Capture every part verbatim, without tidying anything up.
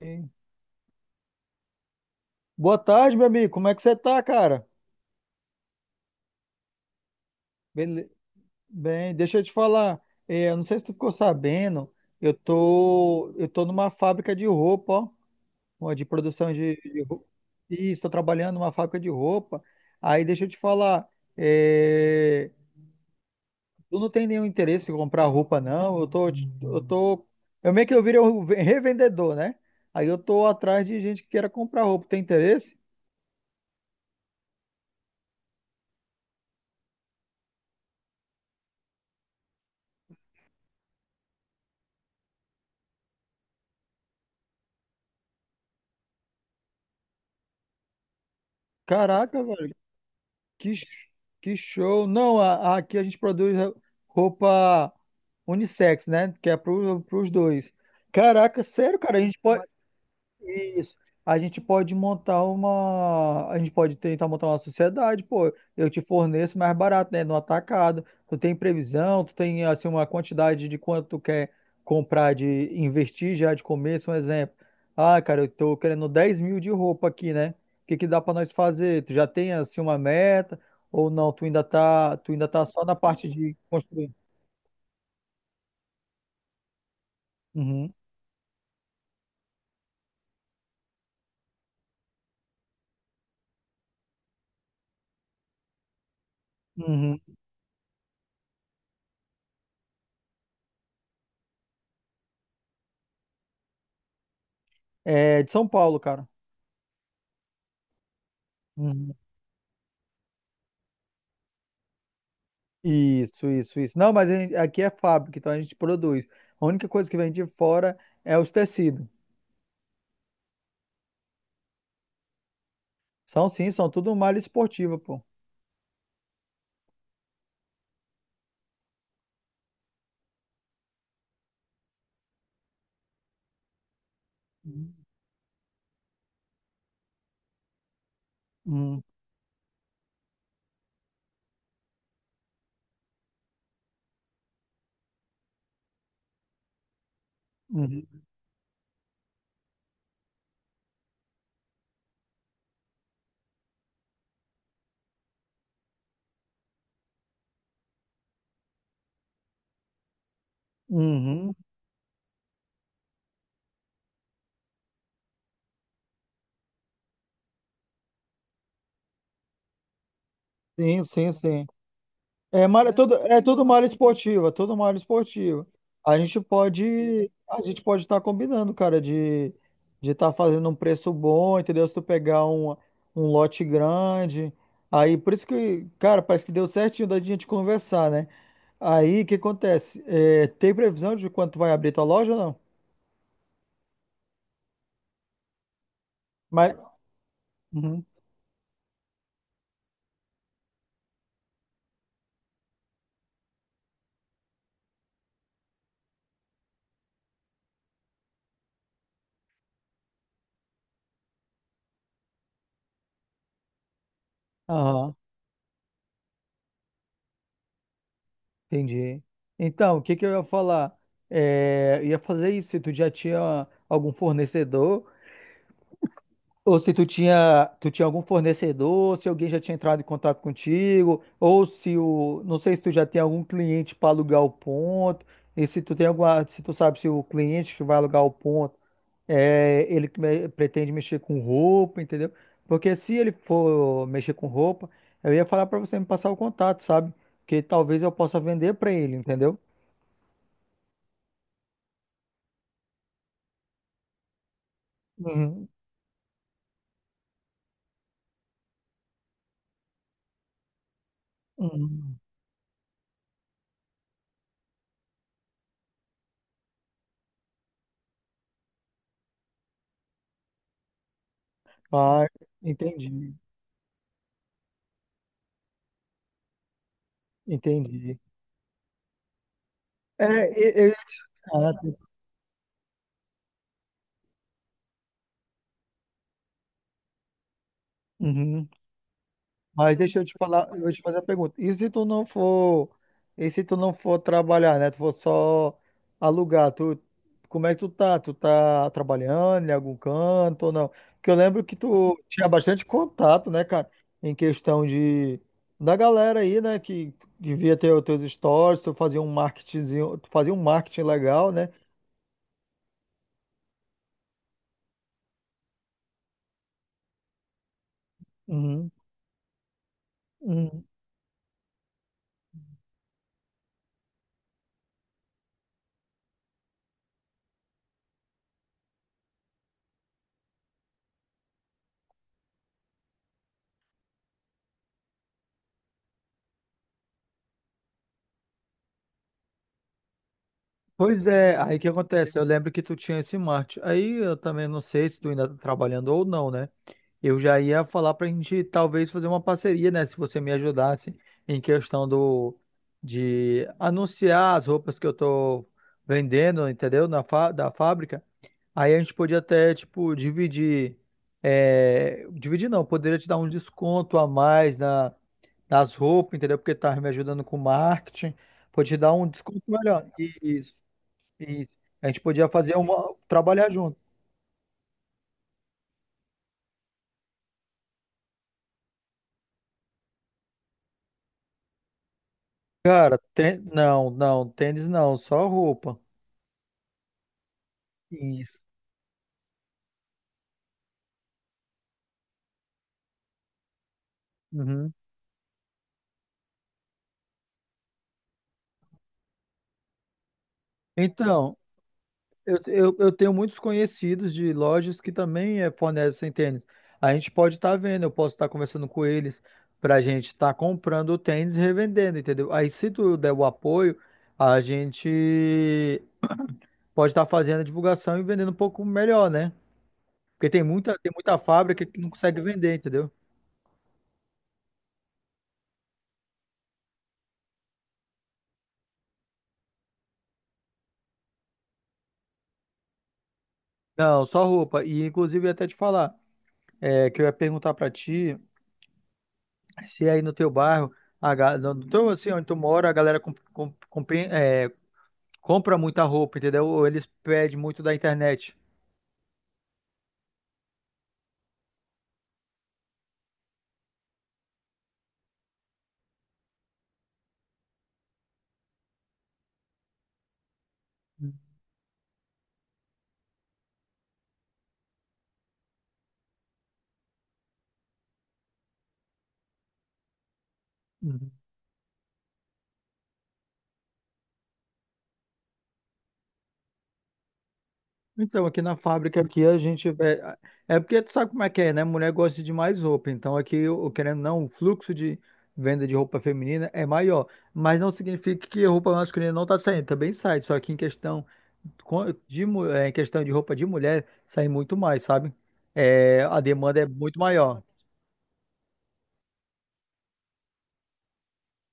Ei, boa tarde, meu amigo. Como é que você tá, cara? Bele... Bem, deixa eu te falar. É, eu não sei se tu ficou sabendo, eu tô, eu tô numa fábrica de roupa, ó, uma de produção de, de roupa. Isso, tô trabalhando numa fábrica de roupa. Aí deixa eu te falar, é, tu não tem nenhum interesse em comprar roupa, não? Eu tô, eu tô, eu meio que eu virei um revendedor, né? Aí eu tô atrás de gente que queira comprar roupa. Tem interesse? Caraca, velho. Que, sh- que show! Não, a- a- aqui a gente produz roupa unissex, né? Que é para os dois. Caraca, sério, cara, a gente pode, isso. A gente pode montar uma. A gente pode tentar montar uma sociedade, pô. Eu te forneço mais barato, né? No atacado. Tu tem previsão, tu tem assim, uma quantidade de quanto tu quer comprar, de investir já de começo, um exemplo. Ah, cara, eu tô querendo dez mil de roupa aqui, né? O que que dá pra nós fazer? Tu já tem assim uma meta? Ou não? Tu ainda tá, tu ainda tá só na parte de construir. Uhum, uhum. É de São Paulo, cara. Uhum. Isso, isso, isso. Não, mas a gente- aqui é fábrica, então a gente produz. A única coisa que vem de fora é os tecidos. São sim, são tudo malha esportiva, pô. Uhum, uhum, uhum. Sim, sim, sim. É, malha, é tudo, é tudo malha esportiva, tudo malha esportiva. A gente pode, a gente pode estar combinando, cara, de de estar fazendo um preço bom, entendeu? Se tu pegar um, um lote grande, aí por isso que, cara, parece que deu certinho da gente conversar, né? Aí, o que acontece? É, tem previsão de quanto vai abrir tua loja ou não? Mas, uhum. Aham, entendi. Então, o que que eu ia falar? É, eu ia fazer isso se tu já tinha algum fornecedor, ou se tu tinha, tu tinha algum fornecedor, se alguém já tinha entrado em contato contigo, ou se o, não sei se tu já tem algum cliente para alugar o ponto, e se tu tem alguma, se tu sabe se o cliente que vai alugar o ponto É, ele que me- pretende mexer com roupa, entendeu? Porque se ele for mexer com roupa, eu ia falar pra você me passar o contato, sabe? Que talvez eu possa vender pra ele, entendeu? Uhum, uhum. Ah, entendi, entendi. É, eu, ah, tá. Uhum. Mas deixa eu te falar, eu vou te fazer a pergunta. E se tu não for, e se tu não for trabalhar, né? Tu for só alugar, tu, como é que tu tá? Tu tá trabalhando em algum canto ou não? Porque eu lembro que tu tinha bastante contato, né, cara, em questão de da galera aí, né, que devia ter os teus stories, tu fazia um marketingzinho, tu fazia um marketing legal, né? Uhum, uhum. Pois é, aí que acontece? Eu lembro que tu tinha esse marketing. Aí eu também não sei se tu ainda tá trabalhando ou não, né? Eu já ia falar para a gente talvez fazer uma parceria, né? Se você me ajudasse em questão do de anunciar as roupas que eu tô vendendo, entendeu? Na fá- da fábrica. Aí a gente podia até, tipo, dividir. É, dividir não, poderia te dar um desconto a mais na, nas roupas, entendeu? Porque tá me ajudando com marketing. Podia te dar um desconto melhor. Isso, isso. A gente podia fazer uma. Trabalhar junto. Cara, tê- não, não, tênis não, só roupa. Isso. Uhum. Então, eu, eu, eu tenho muitos conhecidos de lojas que também é, fornecem tênis. A gente pode estar vendo, eu posso estar conversando com eles para a gente estar comprando o tênis e revendendo, entendeu? Aí, se tu der o apoio, a gente pode estar fazendo a divulgação e vendendo um pouco melhor, né? Porque tem muita, tem muita fábrica que não consegue vender, entendeu? Não, só roupa. E, inclusive, eu ia até te falar, é, que eu ia perguntar para ti. Se aí no teu bairro, a, ga- no no teu, assim, onde tu mora, a galera com- com- compen- é, compra muita roupa, entendeu? Ou eles pedem muito da internet. Uhum. Então, aqui na fábrica, aqui a gente. É, é porque tu sabe como é que é, né? Mulher gosta de mais roupa. Então, aqui, o- querendo ou não, o fluxo de venda de roupa feminina é maior. Mas não significa que a roupa masculina não tá saindo. Também sai. Só que em questão co- de, mu- é, em questão de roupa de mulher, sai muito mais, sabe? É, a demanda é muito maior.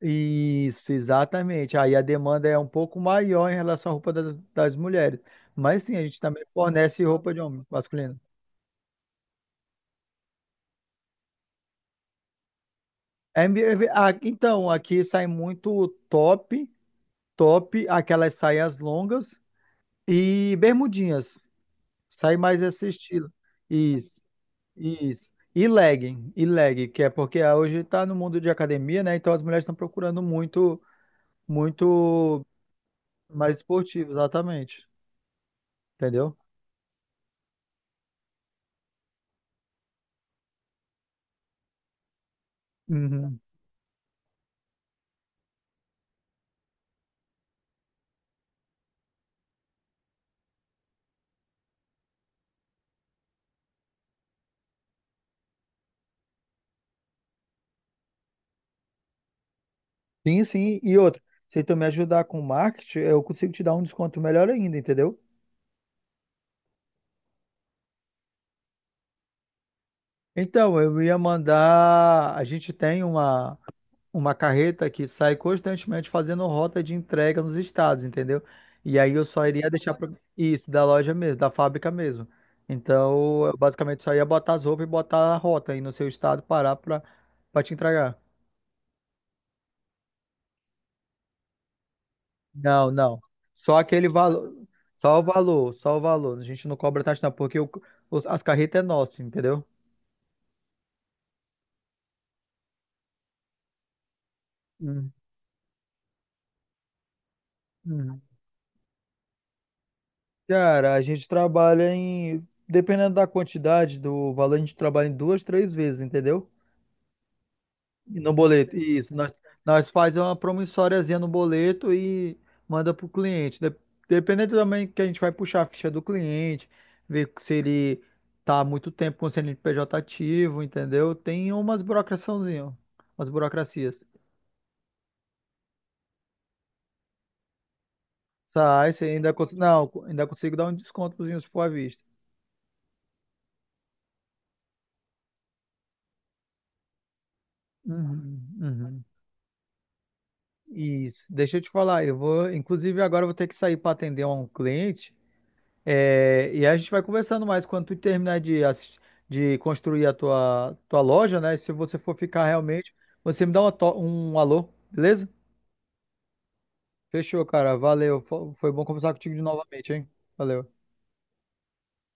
Isso, exatamente. Aí a demanda é um pouco maior em relação à roupa da- das mulheres. Mas sim, a gente também fornece roupa de homem masculino. É, me- é, ah, então, aqui sai muito top, top, aquelas saias longas e bermudinhas. Sai mais esse estilo. Isso, isso. E legging, e legging, que é porque ah, hoje está no mundo de academia, né? Então as mulheres estão procurando muito, muito mais esportivo, exatamente. Entendeu? Uhum. Sim, sim. E outra, se tu me ajudar com marketing, eu consigo te dar um desconto melhor ainda, entendeu? Então, eu ia mandar. A gente tem uma, uma carreta que sai constantemente fazendo rota de entrega nos estados, entendeu? E aí eu só iria deixar pra... isso, da loja mesmo, da fábrica mesmo. Então, eu basicamente só ia botar as roupas e botar a rota aí no seu estado, parar pra, pra te entregar. Não, não. Só aquele valor. Só o valor, só o valor. A gente não cobra taxa, não, porque o- os- as carretas é nosso, entendeu? Hum, hum. Cara, a gente trabalha em. Dependendo da quantidade do valor, a gente trabalha em duas, três vezes, entendeu? E no boleto, isso. Nós, nós fazemos uma promissóriazinha no boleto e manda para o cliente. De- Dependendo também que a gente vai puxar a ficha do cliente, ver se ele tá há muito tempo com o C N P J ativo, entendeu? Tem umas burocraçãozinhas, umas burocracias. Sai, você ainda consigo, não, ainda consigo dar um descontozinho se for à vista. Uhum, uhum. Isso. Deixa eu te falar, eu vou, inclusive agora eu vou ter que sair para atender um cliente. É, e aí a gente vai conversando mais quando tu terminar de, assis- de construir a tua, tua loja, né? E se você for ficar realmente, você me dá uma to- um alô, beleza? Fechou, cara. Valeu. Fo- Foi bom conversar contigo novamente, hein? Valeu.